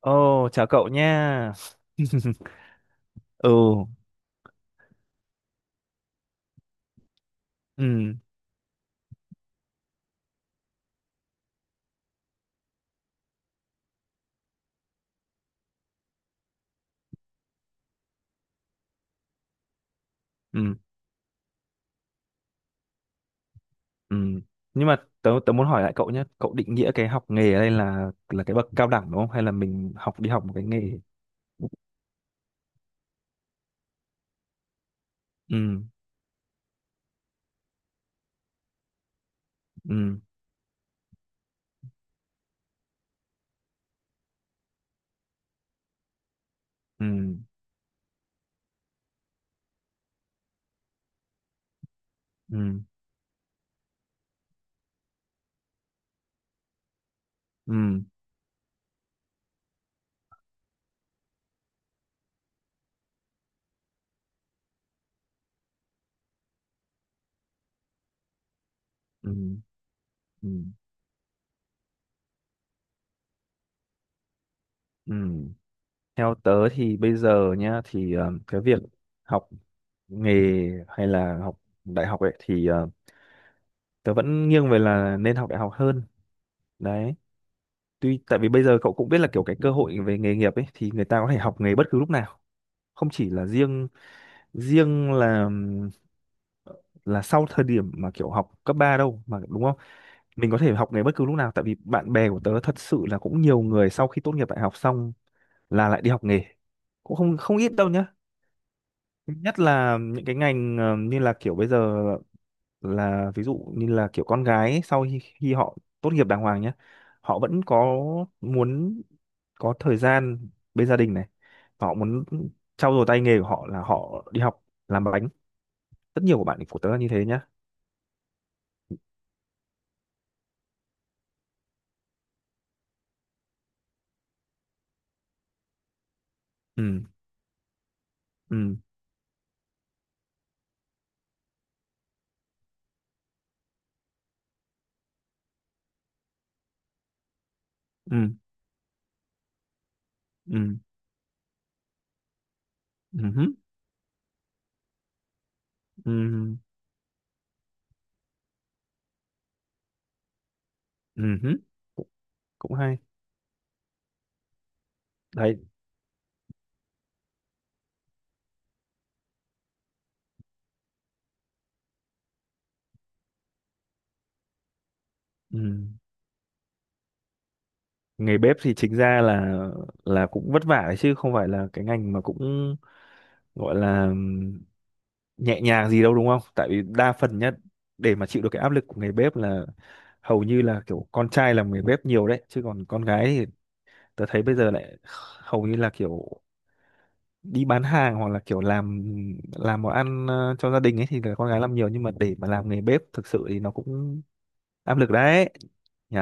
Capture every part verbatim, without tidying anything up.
Ồ, chào cậu nha. Ừ, ừ, ừ, ừ. Nhưng mà tớ, tớ muốn hỏi lại cậu nhé. Cậu định nghĩa cái học nghề ở đây là là cái bậc cao đẳng đúng không? Hay là mình học đi học một cái nghề? Ừ, ừ, ừ, ừ, ừ, ừ, ừ, ừ. Theo tớ thì bây giờ nhá, thì ờ, cái việc học nghề hay là học đại học ấy thì ờ, tớ vẫn nghiêng về là nên học đại học hơn. Đấy, tuy tại vì bây giờ cậu cũng biết là kiểu cái cơ hội về nghề nghiệp ấy thì người ta có thể học nghề bất cứ lúc nào, không chỉ là riêng riêng là là sau thời điểm mà kiểu học cấp ba đâu mà, đúng không? Mình có thể học nghề bất cứ lúc nào, tại vì bạn bè của tớ thật sự là cũng nhiều người sau khi tốt nghiệp đại học xong là lại đi học nghề, cũng không không ít đâu nhá. Nhất là những cái ngành ờ, như là kiểu bây giờ là ví dụ như là kiểu con gái ấy, sau khi, khi họ tốt nghiệp đàng hoàng nhé, họ vẫn có muốn có thời gian bên gia đình này, họ muốn trau dồi tay nghề của họ là họ đi học làm bánh. Rất nhiều của bạn của tớ là như thế nhá. Ừ, ừ, ừ, ừ, ừ hứ, ừ, ừ hứ. Cũng cũng hay đấy. Ừ. Nghề bếp thì chính ra là là cũng vất vả đấy, chứ không phải là cái ngành mà cũng gọi là nhẹ nhàng gì đâu, đúng không? Tại vì đa phần nhất, để mà chịu được cái áp lực của nghề bếp là hầu như là kiểu con trai làm nghề bếp nhiều đấy, chứ còn con gái thì tớ thấy bây giờ lại hầu như là kiểu đi bán hàng hoặc là kiểu làm làm món ăn ờ, cho gia đình ấy, thì là con gái làm nhiều, nhưng mà để mà làm nghề bếp thực sự thì nó cũng áp lực đấy nhỉ.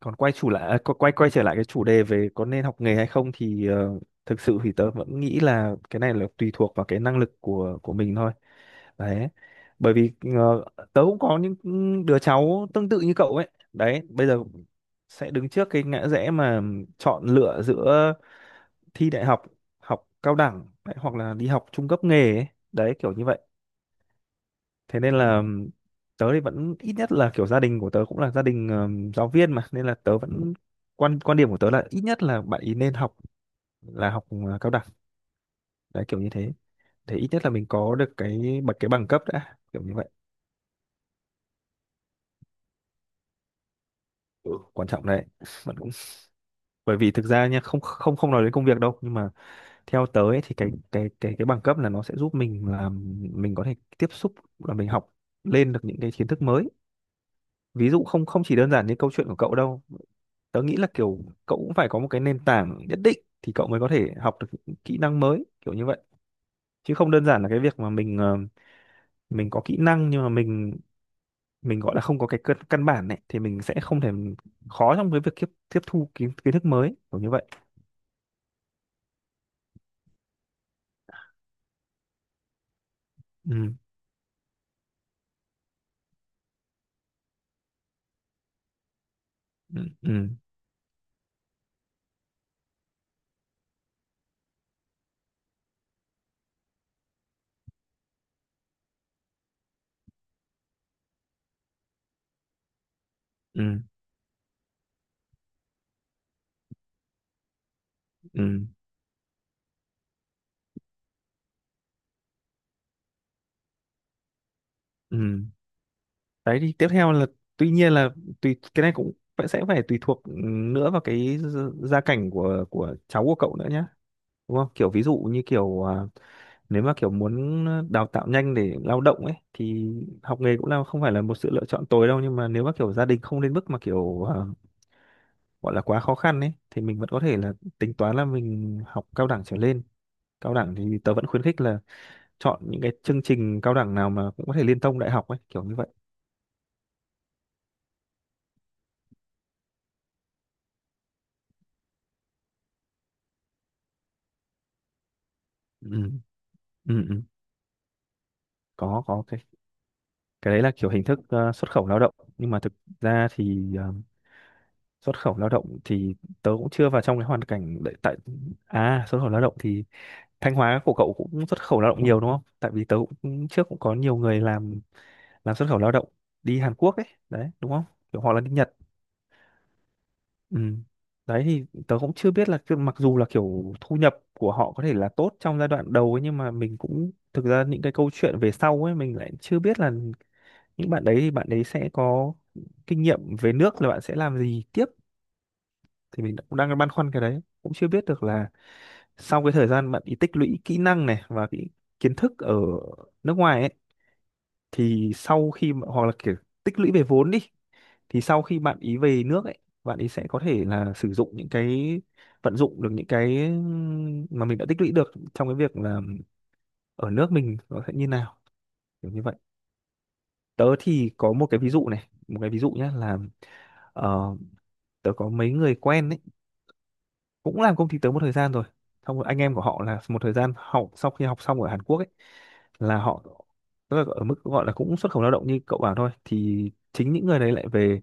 Còn quay chủ lại à, qu- quay quay trở lại cái chủ đề về có nên học nghề hay không thì ờ, thực sự thì tớ vẫn nghĩ là cái này là tùy thuộc vào cái năng lực của của mình thôi. Đấy, bởi vì ờ, tớ cũng có những đứa cháu tương tự như cậu ấy đấy, bây giờ sẽ đứng trước cái ngã rẽ mà chọn lựa giữa thi đại học, học cao đẳng đấy, hoặc là đi học trung cấp nghề ấy. Đấy kiểu như vậy. Thế nên là tớ thì vẫn, ít nhất là kiểu gia đình của tớ cũng là gia đình ờm, giáo viên mà, nên là tớ vẫn, quan quan điểm của tớ là ít nhất là bạn ý nên học, là học ờ, cao đẳng. Đấy kiểu như thế, thì ít nhất là mình có được cái bậc cái bằng cấp đã, kiểu như vậy. Ừ, quan trọng đấy, bạn cũng, bởi vì thực ra nha, không không không nói đến công việc đâu nhưng mà theo tớ ấy, thì cái cái cái cái bằng cấp là nó sẽ giúp mình là mình có thể tiếp xúc, là mình học lên được những cái kiến thức mới. Ví dụ, không không chỉ đơn giản như câu chuyện của cậu đâu, tớ nghĩ là kiểu cậu cũng phải có một cái nền tảng nhất định thì cậu mới có thể học được những kỹ năng mới, kiểu như vậy. Chứ không đơn giản là cái việc mà mình ờ, mình có kỹ năng nhưng mà mình mình gọi là không có cái căn căn bản này thì mình sẽ không thể, khó trong cái việc tiếp tiếp thu kiến kiến thức mới, kiểu như vậy. Ừ, ừ, ừ, ừ, ừ, ừ. Đấy thì tiếp theo là, tuy nhiên là tùy, cái này cũng phải- sẽ phải tùy thuộc nữa vào cái gia gia cảnh của của cháu của cậu nữa nhá, đúng không? Kiểu ví dụ như kiểu à, nếu mà kiểu muốn ờ, đào tạo nhanh để lao động ấy, thì học nghề cũng là không phải là một sự lựa chọn tối đâu, nhưng mà nếu mà kiểu gia đình không đến mức mà kiểu ờ, gọi là quá khó khăn ấy, thì mình vẫn có thể là tính toán là mình học cao đẳng trở lên. Cao đẳng thì tớ vẫn khuyến khích là chọn những cái chương trình cao đẳng nào mà cũng có thể liên thông đại học ấy, kiểu như vậy. Ừ, ừ, ừ. có có cái cái đấy là kiểu hình thức ờ, xuất khẩu lao động, nhưng mà thực ra thì ờ, xuất khẩu lao động thì tớ cũng chưa vào trong cái hoàn cảnh đấy. Tại à xuất khẩu lao động thì Thanh Hóa của cậu cũng xuất khẩu lao động nhiều, đúng không? Tại vì tớ cũng, trước cũng có nhiều người làm làm xuất khẩu lao động đi Hàn Quốc ấy, đấy, đúng không? Kiểu hoặc là đi Nhật. Ừ. Đấy thì tớ cũng chưa biết là cái- mặc dù là kiểu thu nhập của họ có thể là tốt trong giai đoạn đầu ấy, nhưng mà mình cũng, thực ra những cái câu chuyện về sau ấy mình lại chưa biết là những bạn đấy thì bạn đấy sẽ có kinh nghiệm về nước, là bạn sẽ làm gì tiếp. Thì mình cũng đang băn khoăn cái đấy, cũng chưa biết được là sau cái thời gian bạn đi tích lũy kỹ năng này, và cái kiến thức ở nước ngoài ấy, thì sau khi mà- hoặc là kiểu tích lũy về vốn đi, thì sau khi bạn ý về nước ấy, bạn ý sẽ có thể là sử dụng những cái vận dụng được những cái mà mình đã tích lũy được trong cái việc là ở nước mình, nó sẽ như nào, kiểu như vậy. Tớ thì có một cái ví dụ này một cái ví dụ nhé, là ờ, tớ có mấy người quen ấy, cũng làm công ty tớ một thời gian rồi. Xong rồi anh em của họ là một thời gian học, sau khi học xong ở Hàn Quốc ấy, là họ, tức là ở mức gọi là cũng xuất khẩu lao động như cậu bảo thôi, thì chính những người đấy lại về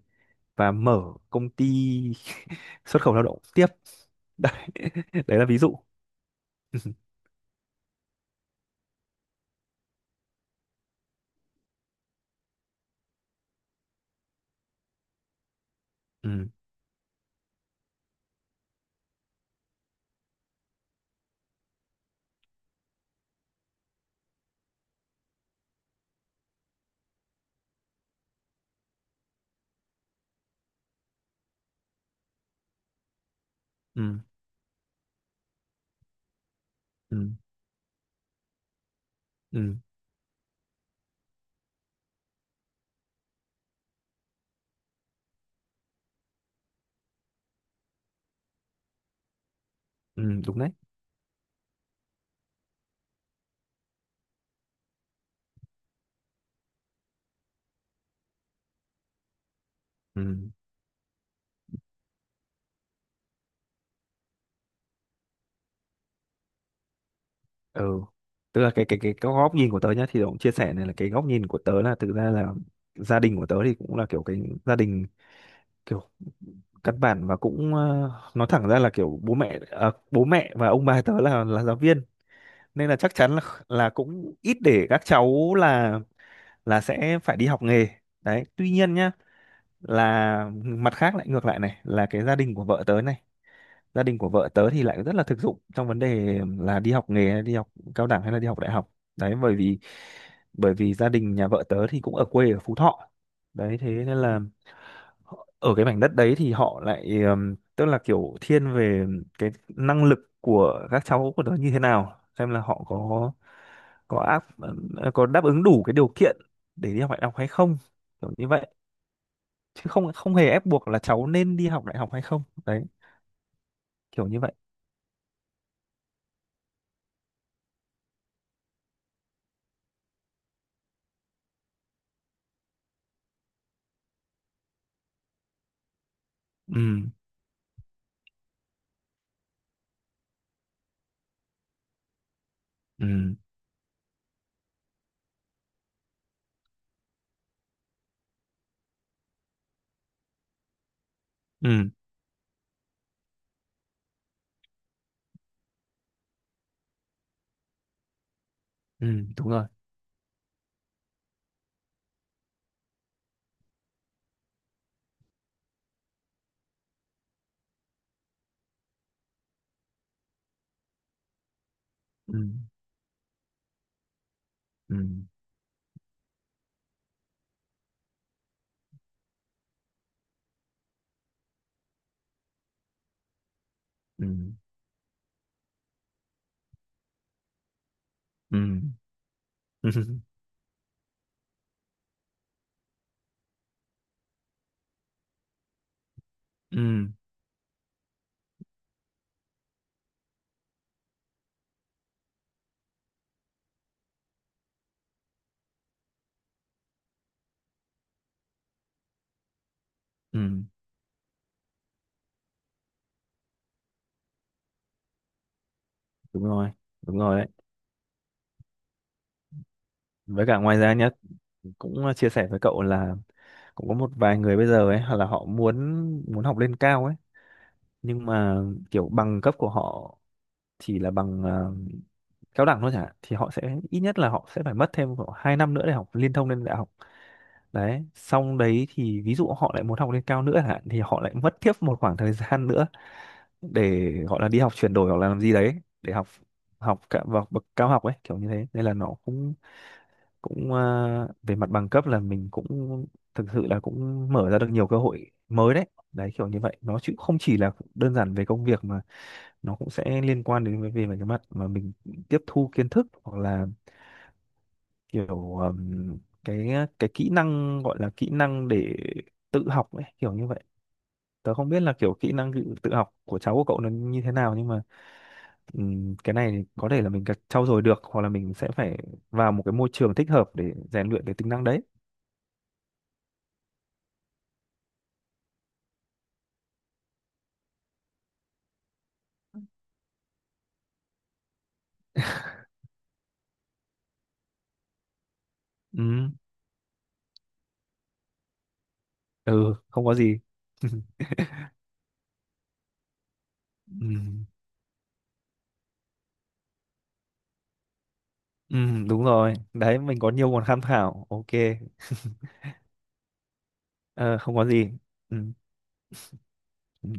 và mở công ty xuất khẩu lao động tiếp. Đấy đấy là ví dụ. Ừ, ừ, ừ, ừ, ừ, đúng đấy, ừ, ừ. Tức là cái cái cái cái góc nhìn của tớ nhá, thì tớ cũng chia sẻ này là cái góc nhìn của tớ là thực ra là gia đình của tớ thì cũng là kiểu cái gia đình, kiểu căn bản, và cũng ờ, nói thẳng ra là kiểu bố mẹ à, bố mẹ và ông bà tớ là là giáo viên, nên là chắc chắn là là cũng ít để các cháu là là sẽ phải đi học nghề. Đấy tuy nhiên nhá, là mặt khác lại ngược lại này, là cái gia đình của vợ tớ này, gia đình của vợ tớ thì lại rất là thực dụng trong vấn đề là đi học nghề hay đi học cao đẳng hay là đi học đại học. Đấy bởi vì, bởi vì gia đình nhà vợ tớ thì cũng ở quê ở Phú Thọ, đấy thế nên là họ- ở cái mảnh đất đấy thì họ lại ừm, tức là kiểu thiên về cái năng lực của các cháu của nó như thế nào, xem là họ có có áp có đáp ứng đủ cái điều kiện để đi học đại học hay không, kiểu như vậy. Chứ không không hề ép buộc là cháu nên đi học đại học hay không. Đấy kiểu như vậy. Ừ, ừ, ừ, ừ, đúng rồi, ừ, ừ, ừ, ừ, ừ, ừ, ừ, đúng rồi. Đúng rồi đấy, với cả ngoài ra nhá, cũng ờ, chia sẻ với cậu là cũng có một vài người bây giờ ấy, hoặc là họ muốn, muốn học lên cao ấy, nhưng mà kiểu bằng cấp của họ chỉ là bằng ờ, cao đẳng thôi chẳng hạn, thì họ sẽ, ít nhất là họ sẽ phải mất thêm khoảng hai năm nữa để học liên thông lên đại học. Đấy xong đấy thì ví dụ họ lại muốn học lên cao nữa chẳng hạn, thì họ lại mất tiếp một khoảng thời gian nữa để gọi là đi học chuyển đổi hoặc là làm gì đấy để học học cả vào bậc cao học ấy, kiểu như thế nên là nó cũng cũng ờ, về mặt bằng cấp là mình cũng thực sự là cũng mở ra được nhiều cơ hội mới đấy. Đấy kiểu như vậy nó, chứ không chỉ là đơn giản về công việc mà nó cũng sẽ liên quan đến cái- về về cái mặt mà mình tiếp thu kiến thức hoặc là kiểu ừm, cái cái kỹ năng, gọi là kỹ năng để tự học ấy, kiểu như vậy. Tớ không biết là kiểu kỹ năng tự tự học của cháu của cậu nó như thế nào, nhưng mà ừm, cái này thì có thể là mình cần trau dồi được, hoặc là mình sẽ phải vào một cái môi trường thích hợp để rèn luyện cái tính năng đấy. Ừm, ừ, không có gì. Ừm, ừm, đúng rồi đấy, mình có nhiều nguồn tham khảo, ok. Ờ, không có gì. Ừm.